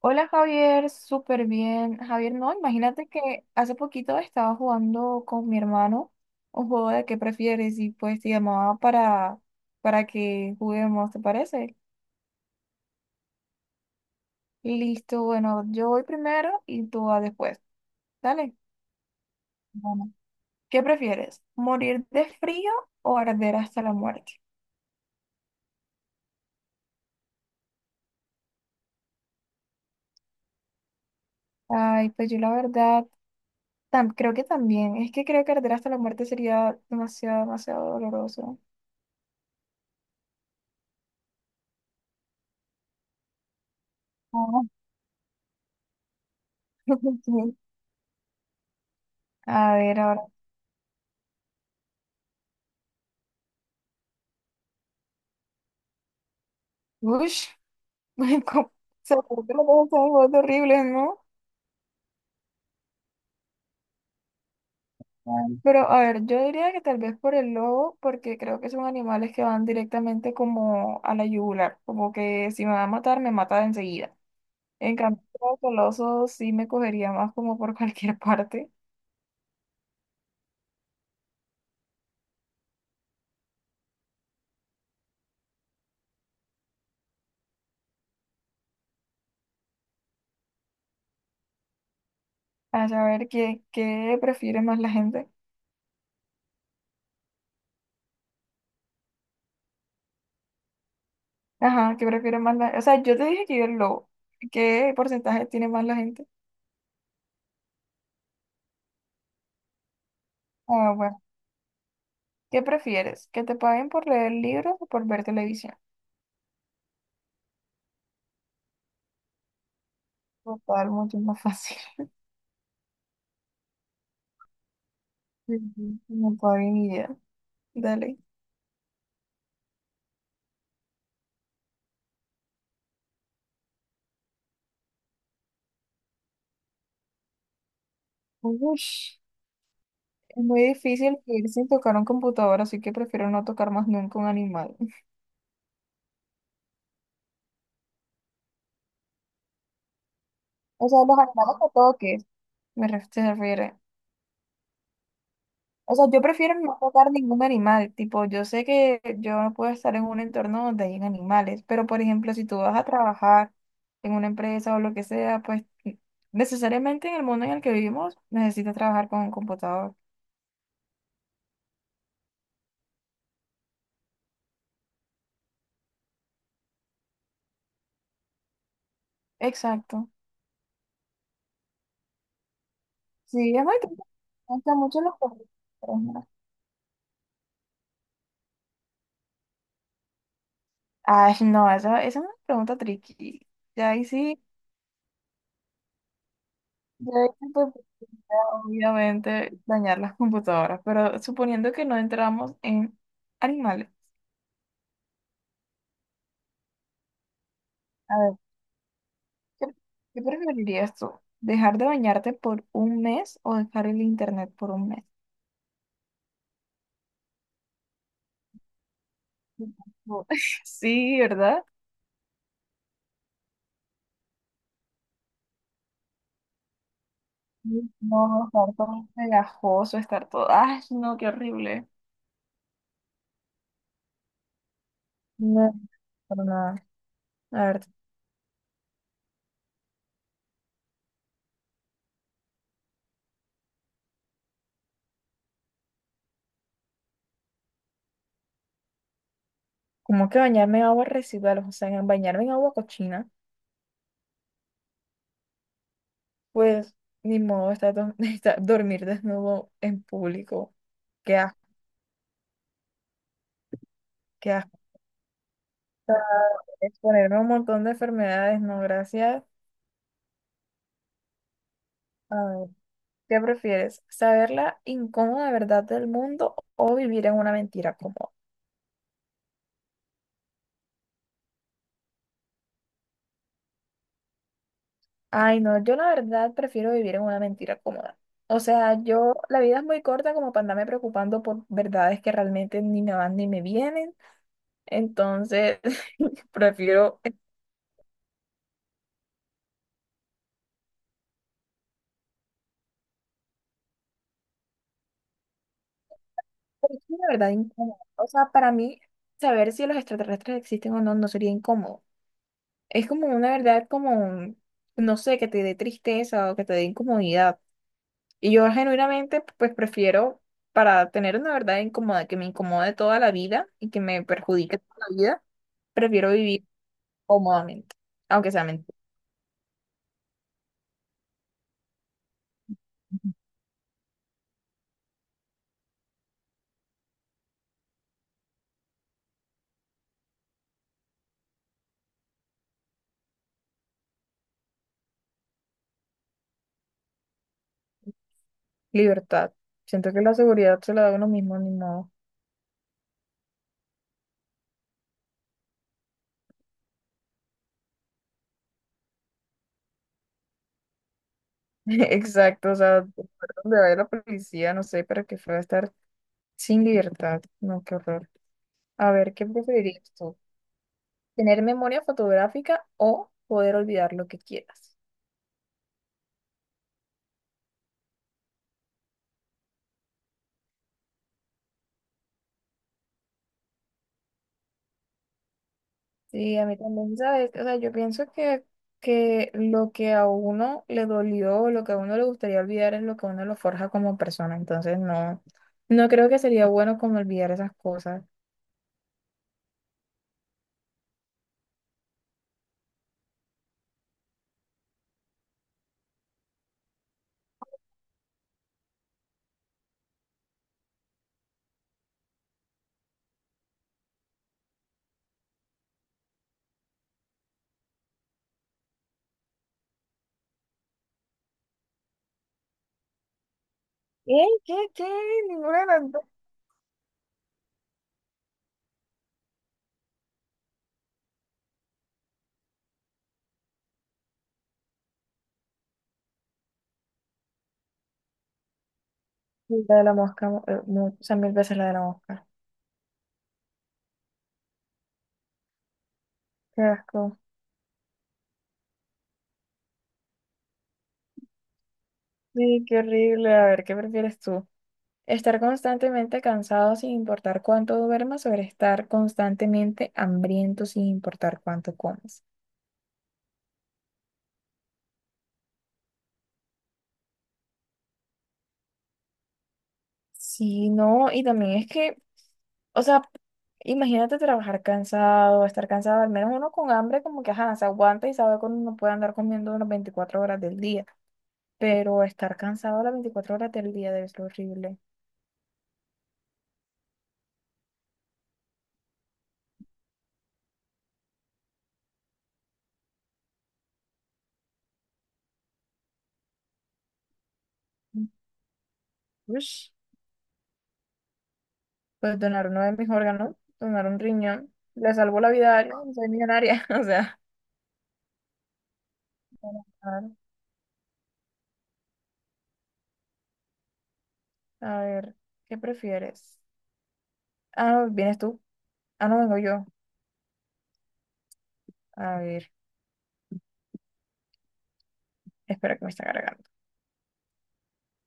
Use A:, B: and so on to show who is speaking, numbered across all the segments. A: Hola Javier, súper bien. Javier, no, imagínate que hace poquito estaba jugando con mi hermano un juego de qué prefieres y pues te llamaba para que juguemos, ¿te parece? Listo, bueno, yo voy primero y tú vas después. Dale. Bueno. ¿Qué prefieres? ¿Morir de frío o arder hasta la muerte? Ay, pues yo la verdad, creo que también. Es que creo que arder hasta la muerte sería demasiado, demasiado doloroso. Ah, ok. A ver, ahora. Ush. como- Se ocultan todas esas cosas horribles, ¿no? Ay, pero a ver, yo diría que tal vez por el lobo, porque creo que son animales que van directamente como a la yugular, como que si me va a matar, me mata de enseguida. En cambio, creo que el oso sí me cogería más como por cualquier parte, a saber qué prefiere más la gente. Ajá, qué prefiere más la... O sea, yo te dije que yo el lobo. ¿Qué porcentaje tiene más la gente? Ah, bueno. ¿Qué prefieres? ¿Que te paguen por leer libros o por ver televisión? Total, mucho más fácil. Ujú. No tengo ni idea. Dale. Ush, es muy difícil vivir sin tocar un computador, así que prefiero no tocar más nunca un animal. O sea, los animales que toques, se refiere. O sea, yo prefiero no tocar ningún animal. Tipo, yo sé que yo no puedo estar en un entorno donde hayan animales, pero por ejemplo, si tú vas a trabajar en una empresa o lo que sea, pues necesariamente en el mundo en el que vivimos necesitas trabajar con un computador. Exacto. Sí, es muy triste. Me gustan mucho los perritos. Ay, no, esa es una pregunta tricky. Ya ahí sí, ya ahí sí, pues, obviamente dañar las computadoras, pero suponiendo que no entramos en animales, a ver, ¿qué, qué preferirías tú? ¿Dejar de bañarte por un mes o dejar el internet por un mes? No. Sí, ¿verdad? Sí, no, estar todo pegajoso, estar todo. ¡Ay, no, qué horrible! No, para nada. A ver, como que bañarme en agua residual, o sea, bañarme en agua cochina. Pues ni modo, dormir desnudo en público. Qué asco, qué asco. Exponerme a un montón de enfermedades, no, gracias. A ver, ¿qué prefieres? ¿Saber la incómoda verdad del mundo o vivir en una mentira cómoda? Ay, no, yo la verdad prefiero vivir en una mentira cómoda. O sea, yo, la vida es muy corta como para andarme preocupando por verdades que realmente ni me van ni me vienen. Entonces, prefiero. Es una verdad incómoda. O sea, para mí, saber si los extraterrestres existen o no no sería incómodo. Es como una verdad como, no sé, que te dé tristeza o que te dé incomodidad. Y yo genuinamente, pues prefiero, para tener una verdad incómoda que me incomode toda la vida y que me perjudique toda la vida, prefiero vivir cómodamente, aunque sea mentira. Libertad. Siento que la seguridad se la da uno mismo, ni modo. Exacto, o sea, de ver la policía, no sé, para qué fue estar. Sin libertad, no, qué horror. A ver, ¿qué preferirías tú? ¿Tener memoria fotográfica o poder olvidar lo que quieras? Sí, a mí también, ¿sabes? O sea, yo pienso que lo que a uno le dolió, lo que a uno le gustaría olvidar es lo que a uno lo forja como persona. Entonces, no, no creo que sería bueno como olvidar esas cosas. ¿Qué? ¿Qué? ¿Qué? Ninguna de las dos. Sí, la de la mosca, o sea, mil veces la de la mosca. Qué asco. Sí, qué horrible. A ver, ¿qué prefieres tú? Estar constantemente cansado sin importar cuánto duermas o estar constantemente hambriento sin importar cuánto comas. Sí, no, y también es o sea, imagínate trabajar cansado, estar cansado, al menos uno con hambre como que, ajá, se aguanta y sabe que uno no puede andar comiendo las 24 horas del día, pero estar cansado las 24 horas del día debe ser horrible. Ush, pues donar uno de mis órganos, donar un riñón, le salvo la vida a alguien, soy millonaria, o sea. A ver, ¿qué prefieres? Ah, ¿vienes tú? Ah, no vengo yo. A ver, espera que me está cargando.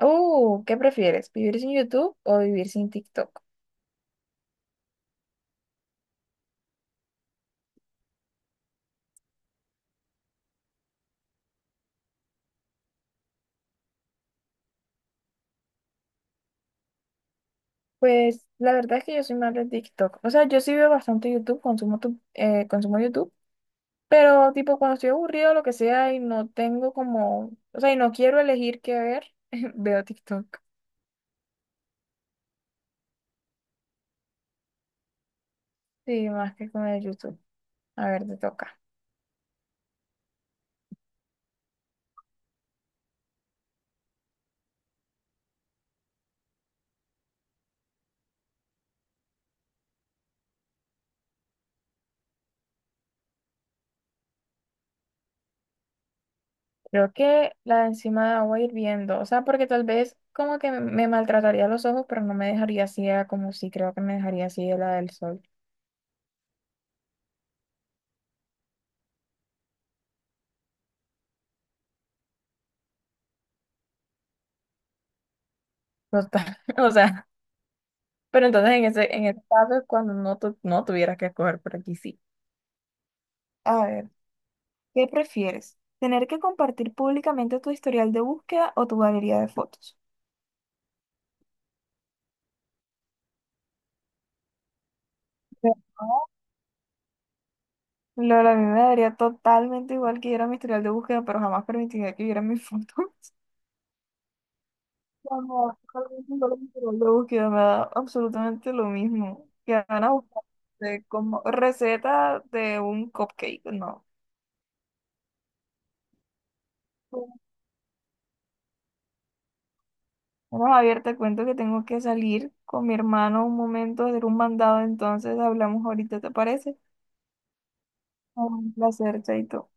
A: ¿Qué prefieres? ¿Vivir sin YouTube o vivir sin TikTok? Pues la verdad es que yo soy más de TikTok. O sea, yo sí veo bastante YouTube, consumo YouTube, pero tipo cuando estoy aburrido o lo que sea y no tengo como, o sea, y no quiero elegir qué ver, veo TikTok. Sí, más que con el YouTube. A ver, te toca. Creo que la de encima de agua hirviendo, o sea, porque tal vez como que me maltrataría los ojos, pero no me dejaría ciega como si creo que me dejaría ciega la del sol. Total, o sea, pero entonces en ese caso es cuando no, no tuvieras que escoger, por aquí sí. A ver, ¿qué prefieres? ¿Tener que compartir públicamente tu historial de búsqueda o tu galería de fotos? Pero no, Lola, a mí me daría totalmente igual que yo era mi historial de búsqueda, pero jamás permitiría que viera mi foto. Cuando la búsqueda me da absolutamente lo mismo. Que van a buscar de como receta de un cupcake, no. Bueno, Javier, te cuento que tengo que salir con mi hermano un momento, a hacer un mandado, entonces hablamos ahorita, ¿te parece? Un placer, Chaito.